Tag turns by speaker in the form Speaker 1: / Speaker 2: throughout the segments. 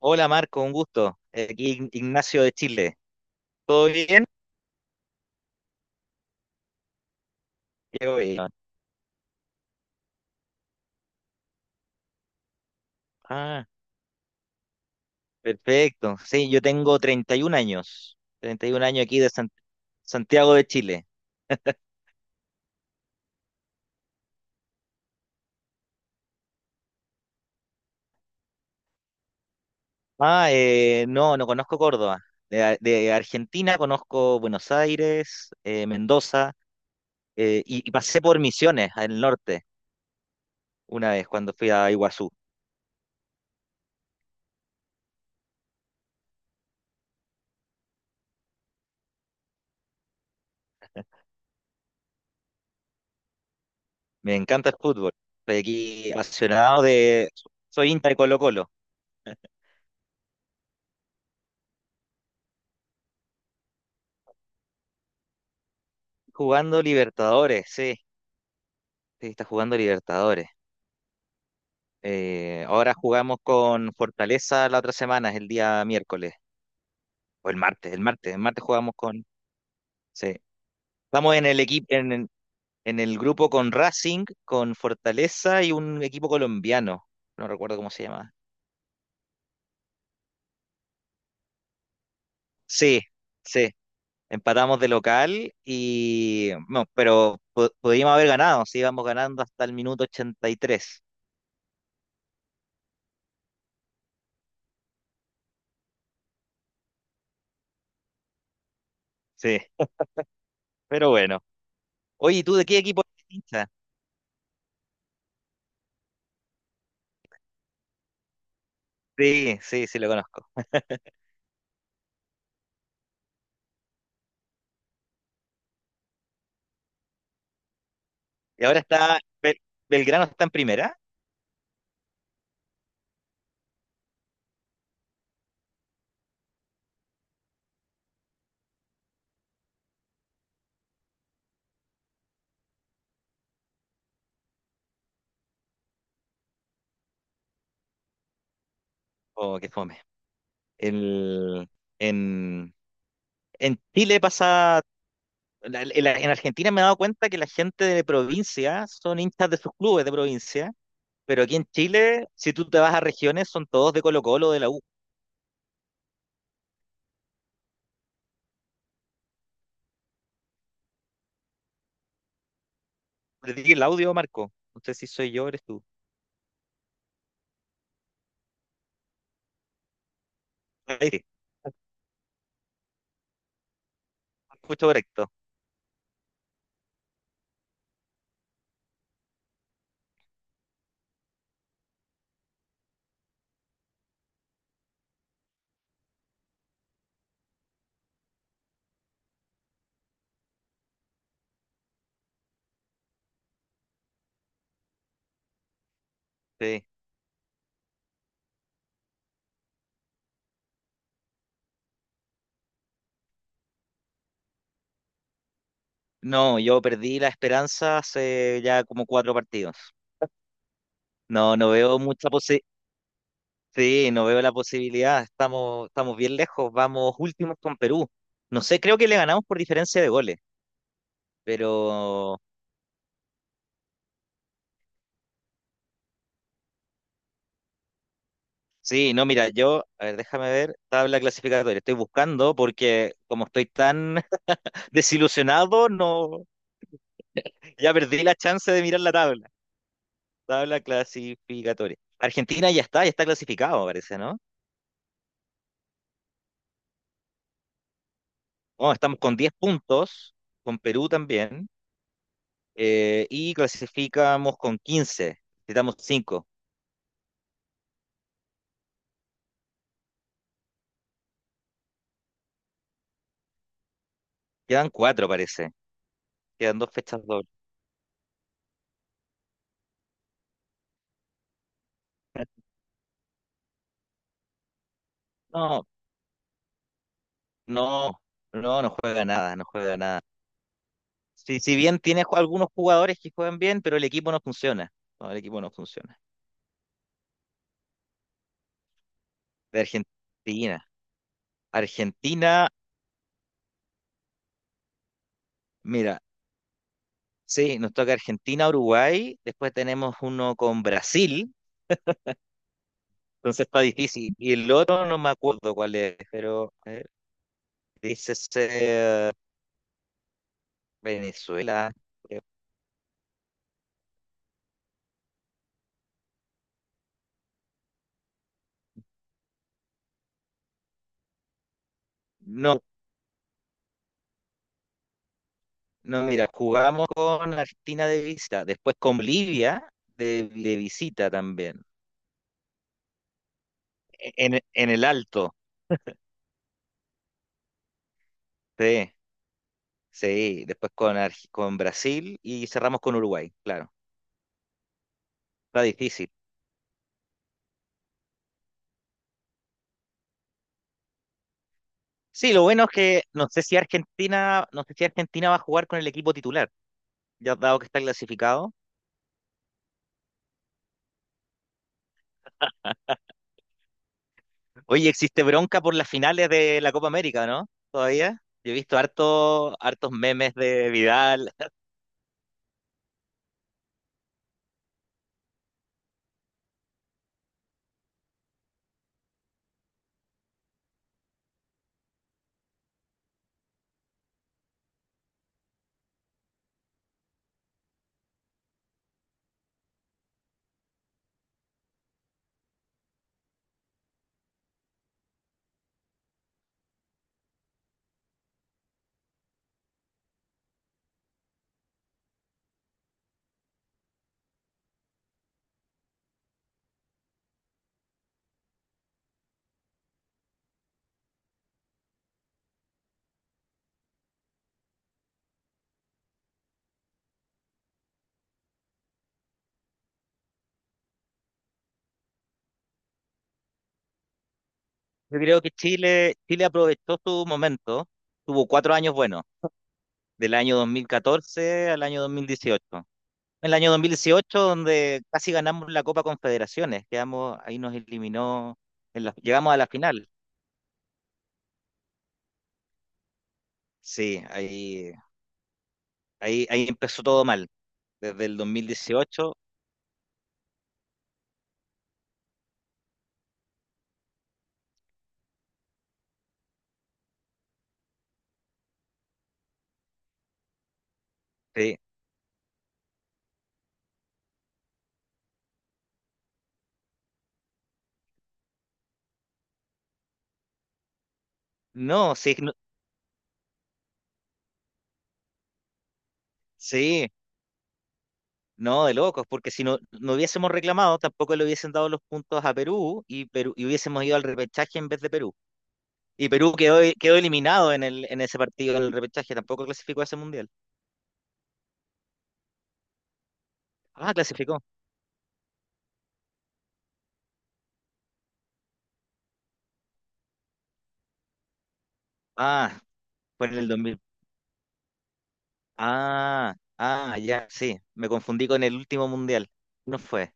Speaker 1: Hola Marco, un gusto. Aquí Ignacio de Chile. ¿Todo bien? Qué bueno. Ah, perfecto. Sí, yo tengo 31 años. 31 años aquí de Santiago de Chile. Ah, no, no conozco Córdoba. De Argentina conozco Buenos Aires, Mendoza, y pasé por Misiones al norte una vez cuando fui a Iguazú. Me encanta el fútbol. Soy aquí apasionado de... Soy hincha de Colo-Colo. Jugando Libertadores, sí. Sí, está jugando Libertadores. Ahora jugamos con Fortaleza la otra semana, es el día miércoles, o el martes, el martes, el martes jugamos con... Sí. Estamos en el equipo, en el grupo con Racing, con Fortaleza y un equipo colombiano, no recuerdo cómo se llama. Sí, sí, empatamos de local y... No, pero podíamos haber ganado, sí, íbamos ganando hasta el minuto 83. Sí, pero bueno. Oye, ¿y tú de qué equipo eres hincha? Sí, sí, sí, lo conozco. Y ahora está, Belgrano está en primera. Oh, qué fome. El, en, en Chile pasa, en Argentina me he dado cuenta que la gente de provincia son hinchas de sus clubes de provincia, pero aquí en Chile, si tú te vas a regiones, son todos de Colo-Colo, de la U. ¿Perdí el audio, Marco? No sé si soy yo, eres tú. Ahí sí, escucho correcto. Sí. No, yo perdí la esperanza hace ya como cuatro partidos. No, no veo mucha, sí, no veo la posibilidad. Estamos, estamos bien lejos. Vamos últimos con Perú. No sé, creo que le ganamos por diferencia de goles. Pero sí, no, mira, yo, a ver, déjame ver, tabla clasificatoria. Estoy buscando porque como estoy tan desilusionado, no, ya perdí la chance de mirar la tabla. Tabla clasificatoria. Argentina ya está clasificado, parece, ¿no? Oh, estamos con 10 puntos, con Perú también, y clasificamos con 15. Necesitamos 5. Quedan 4, parece. Quedan dos fechas dobles. No, no, no, no juega nada, no juega nada. Si, si bien tiene algunos jugadores que juegan bien, pero el equipo no funciona. No, el equipo no funciona. De Argentina. Argentina, mira, sí, nos toca Argentina, Uruguay, después tenemos uno con Brasil, entonces está difícil. Y el otro no me acuerdo cuál es, pero a ver, dice ser Venezuela, creo. No, no, mira, jugamos con Argentina de visita, después con Bolivia de visita también, en el Alto, sí, sí, después con Brasil y cerramos con Uruguay, claro, está difícil. Sí, lo bueno es que no sé si Argentina, no sé si Argentina va a jugar con el equipo titular, ya dado que está clasificado. Oye, existe bronca por las finales de la Copa América, ¿no? Todavía. Yo he visto harto, hartos memes de Vidal. Yo creo que Chile, Chile aprovechó su momento, tuvo cuatro años buenos, del año 2014 al año 2018. El año 2018, donde casi ganamos la Copa Confederaciones, quedamos, ahí nos eliminó, llegamos a la final. Sí, ahí empezó todo mal, desde el 2018. Sí. No, sí, no, sí, no, de locos, porque si no, no hubiésemos reclamado, tampoco le hubiesen dado los puntos a Perú y hubiésemos ido al repechaje en vez de Perú. Y Perú quedó, quedó eliminado en ese partido, en el repechaje, tampoco clasificó a ese mundial. Ah, clasificó. Ah, fue en el 2000. Ah, ah, ya, sí, me confundí con el último mundial. No fue.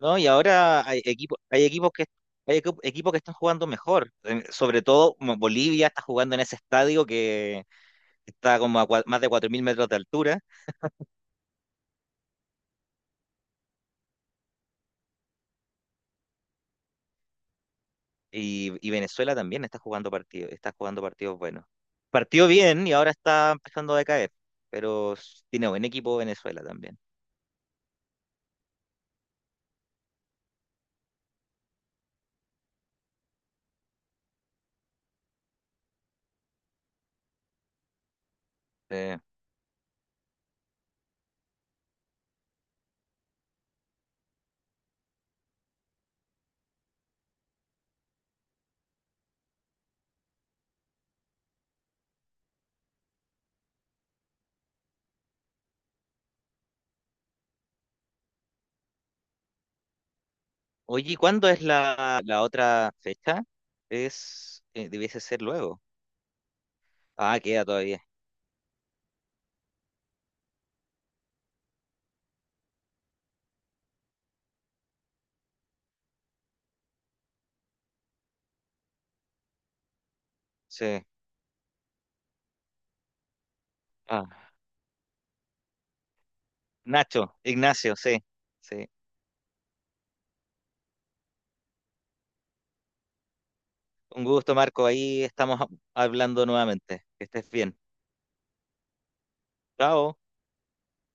Speaker 1: No, y ahora hay equipos que equipos que están jugando mejor. Sobre todo como Bolivia está jugando en ese estadio que está como a más de 4.000 metros de altura. Y Venezuela también está jugando partidos buenos. Partió bien y ahora está empezando a decaer, pero tiene buen equipo Venezuela también. Eh, oye, ¿y cuándo es la, la otra fecha? Es, debiese ser luego. Ah, queda todavía. Sí. Ah, Nacho, Ignacio, sí, sí. Un gusto, Marco. Ahí estamos hablando nuevamente. Que estés bien. Chao.